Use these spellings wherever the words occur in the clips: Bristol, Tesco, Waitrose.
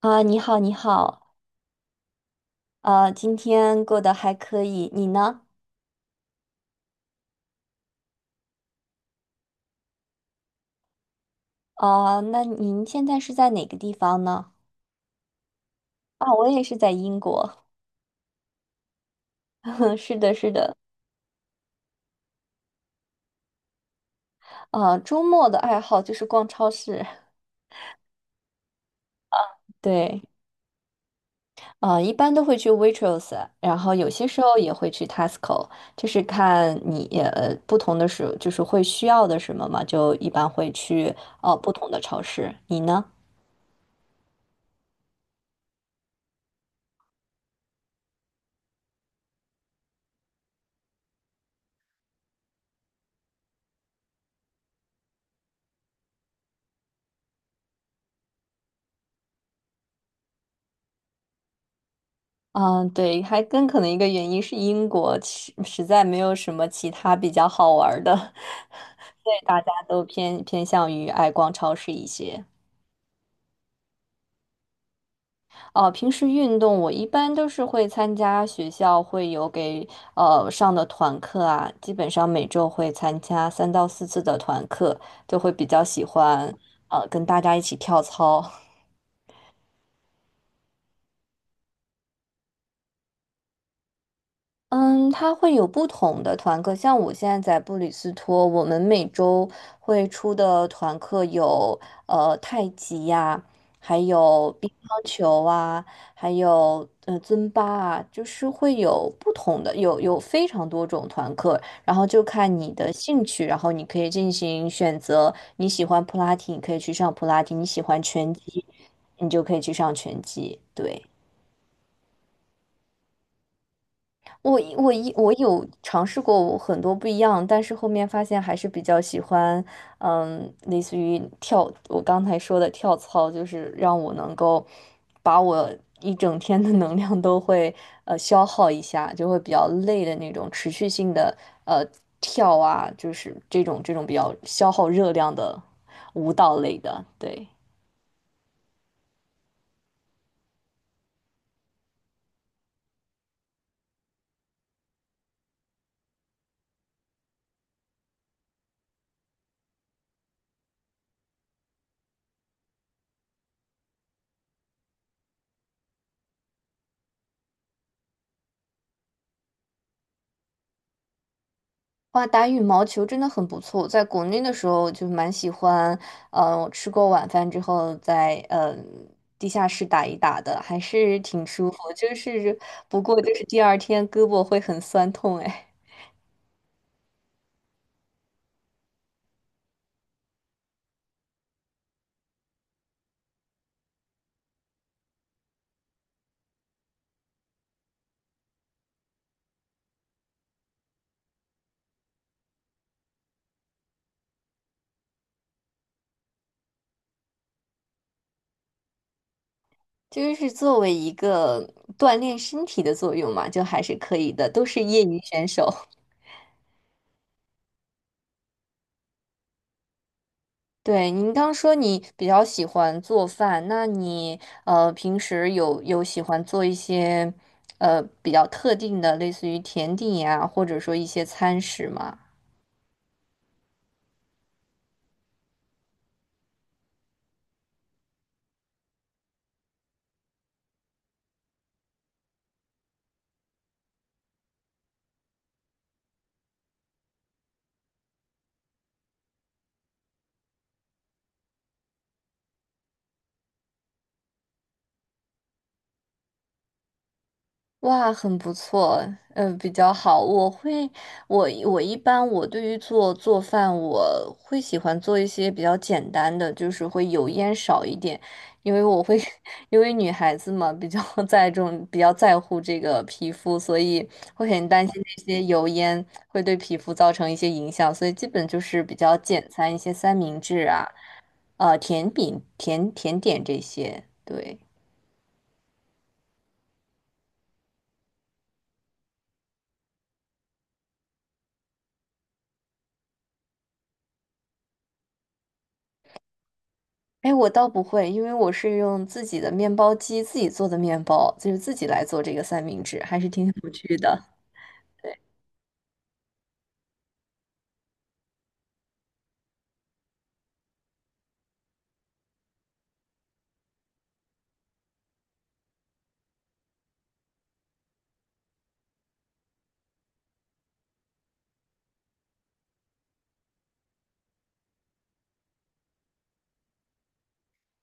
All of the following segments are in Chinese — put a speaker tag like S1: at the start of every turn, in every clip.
S1: 啊，你好，你好，今天过得还可以，你呢？啊，那您现在是在哪个地方呢？啊，我也是在英国，是的，是的，啊，周末的爱好就是逛超市，对，啊，一般都会去 Waitrose，然后有些时候也会去 Tesco，就是看你不同的时，就是会需要的什么嘛，就一般会去不同的超市，你呢？嗯，对，还更可能一个原因是英国实实在没有什么其他比较好玩儿的，所以大家都偏偏向于爱逛超市一些。哦，平时运动我一般都是会参加学校会有给上的团课啊，基本上每周会参加三到四次的团课，就会比较喜欢跟大家一起跳操。嗯，它会有不同的团课，像我现在在布里斯托，我们每周会出的团课有太极呀，还有乒乓球啊，还有尊巴啊，就是会有不同的，有非常多种团课，然后就看你的兴趣，然后你可以进行选择，你喜欢普拉提，你可以去上普拉提，你喜欢拳击，你就可以去上拳击，对。我有尝试过很多不一样，但是后面发现还是比较喜欢，嗯，类似于跳，我刚才说的跳操，就是让我能够把我一整天的能量都会消耗一下，就会比较累的那种持续性的呃跳啊，就是这种比较消耗热量的舞蹈类的，对。哇，打羽毛球真的很不错。在国内的时候就蛮喜欢，我吃过晚饭之后在地下室打一打的，还是挺舒服。就是不过就是第二天胳膊会很酸痛，哎，就是作为一个锻炼身体的作用嘛，就还是可以的，都是业余选手。对，您刚说你比较喜欢做饭，那你平时有喜欢做一些比较特定的，类似于甜点呀，或者说一些餐食吗？哇，很不错，比较好。我会，我我一般我对于做饭，我会喜欢做一些比较简单的，就是会油烟少一点，因为我会，因为女孩子嘛，比较 在重，比较在乎这个皮肤，所以会很担心那些油烟会对皮肤造成一些影响，所以基本就是比较简餐，一些三明治啊，甜饼、甜甜点这些，对。哎，我倒不会，因为我是用自己的面包机自己做的面包，就是自己来做这个三明治，还是挺有趣的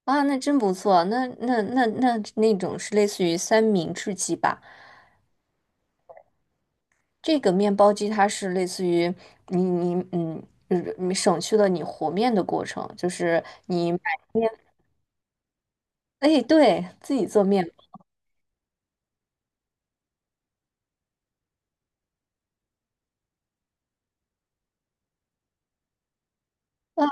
S1: 啊。那真不错，那种是类似于三明治机吧？这个面包机它是类似于你嗯，就是你省去了你和面的过程，就是你买面，哎，对，自己做面包。啊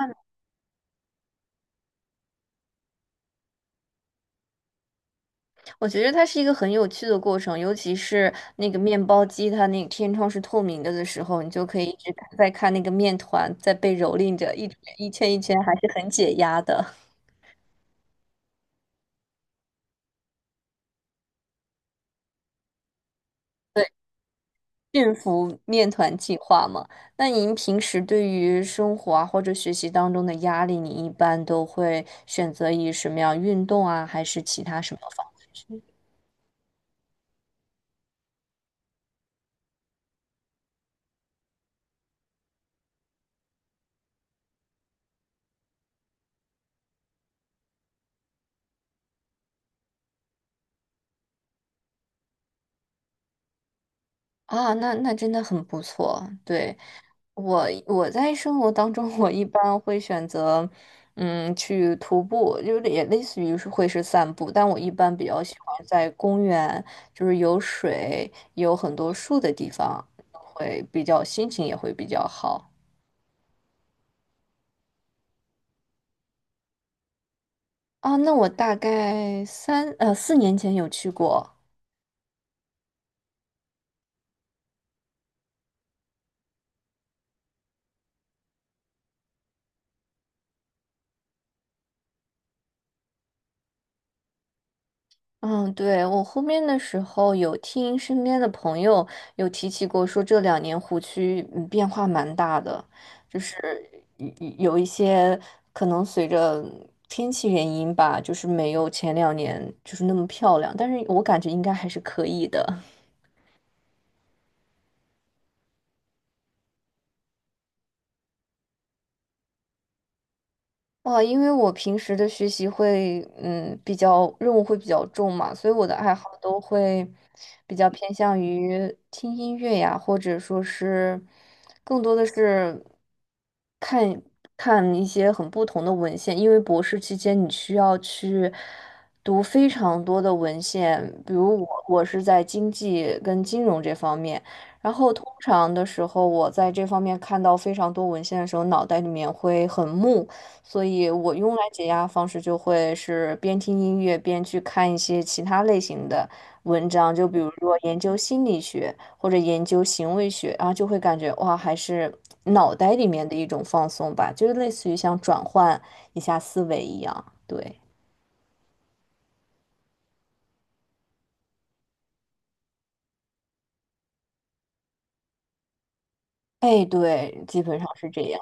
S1: 我觉得它是一个很有趣的过程，尤其是那个面包机，它那个天窗是透明的的时候，你就可以一直看那个面团在被蹂躏着，一直一圈一圈，还是很解压的。对，驯服面团计划嘛。那您平时对于生活啊或者学习当中的压力，你一般都会选择以什么样运动啊，还是其他什么方式？啊，那那真的很不错，对。我我在生活当中，我一般会选择，嗯，去徒步，就是也类似于是会是散步，但我一般比较喜欢在公园，就是有水、有很多树的地方，会比较心情也会比较好啊。那我大概4年前有去过。嗯，对，我后面的时候有听身边的朋友有提起过，说这两年湖区嗯变化蛮大的，就是有一些可能随着天气原因吧，就是没有前2年就是那么漂亮，但是我感觉应该还是可以的。哇，因为我平时的学习会，嗯，比较任务会比较重嘛，所以我的爱好都会比较偏向于听音乐呀，或者说是更多的是看看一些很不同的文献，因为博士期间你需要去读非常多的文献，比如我是在经济跟金融这方面，然后通常的时候我在这方面看到非常多文献的时候，脑袋里面会很木。所以我用来解压的方式就会是边听音乐边去看一些其他类型的文章，就比如说研究心理学或者研究行为学，然后就会感觉哇，还是脑袋里面的一种放松吧，就是类似于像转换一下思维一样。对，哎，对，基本上是这样。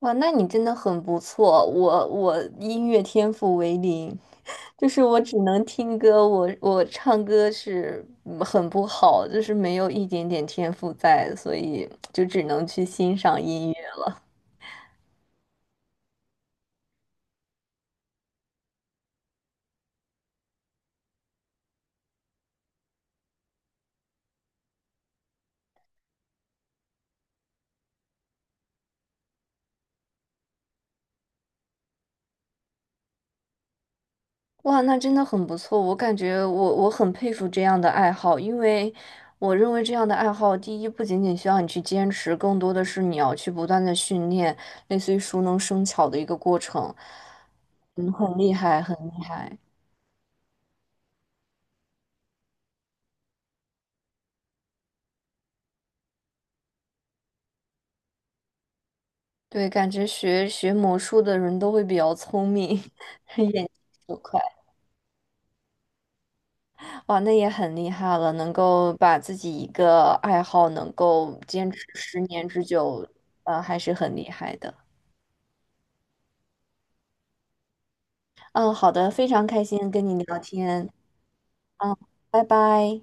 S1: 哇，那你真的很不错，我我音乐天赋为零，就是我只能听歌，我我唱歌是嗯很不好，就是没有一点点天赋在，所以就只能去欣赏音乐。哇，那真的很不错，我感觉我我很佩服这样的爱好，因为我认为这样的爱好，第一不仅仅需要你去坚持，更多的是你要去不断的训练，类似于熟能生巧的一个过程。嗯，很厉害，很厉害。对，感觉学魔术的人都会比较聪明，眼睛手快。哇，那也很厉害了，能够把自己一个爱好能够坚持10年之久，还是很厉害的。嗯，好的，非常开心跟你聊天。嗯，拜拜。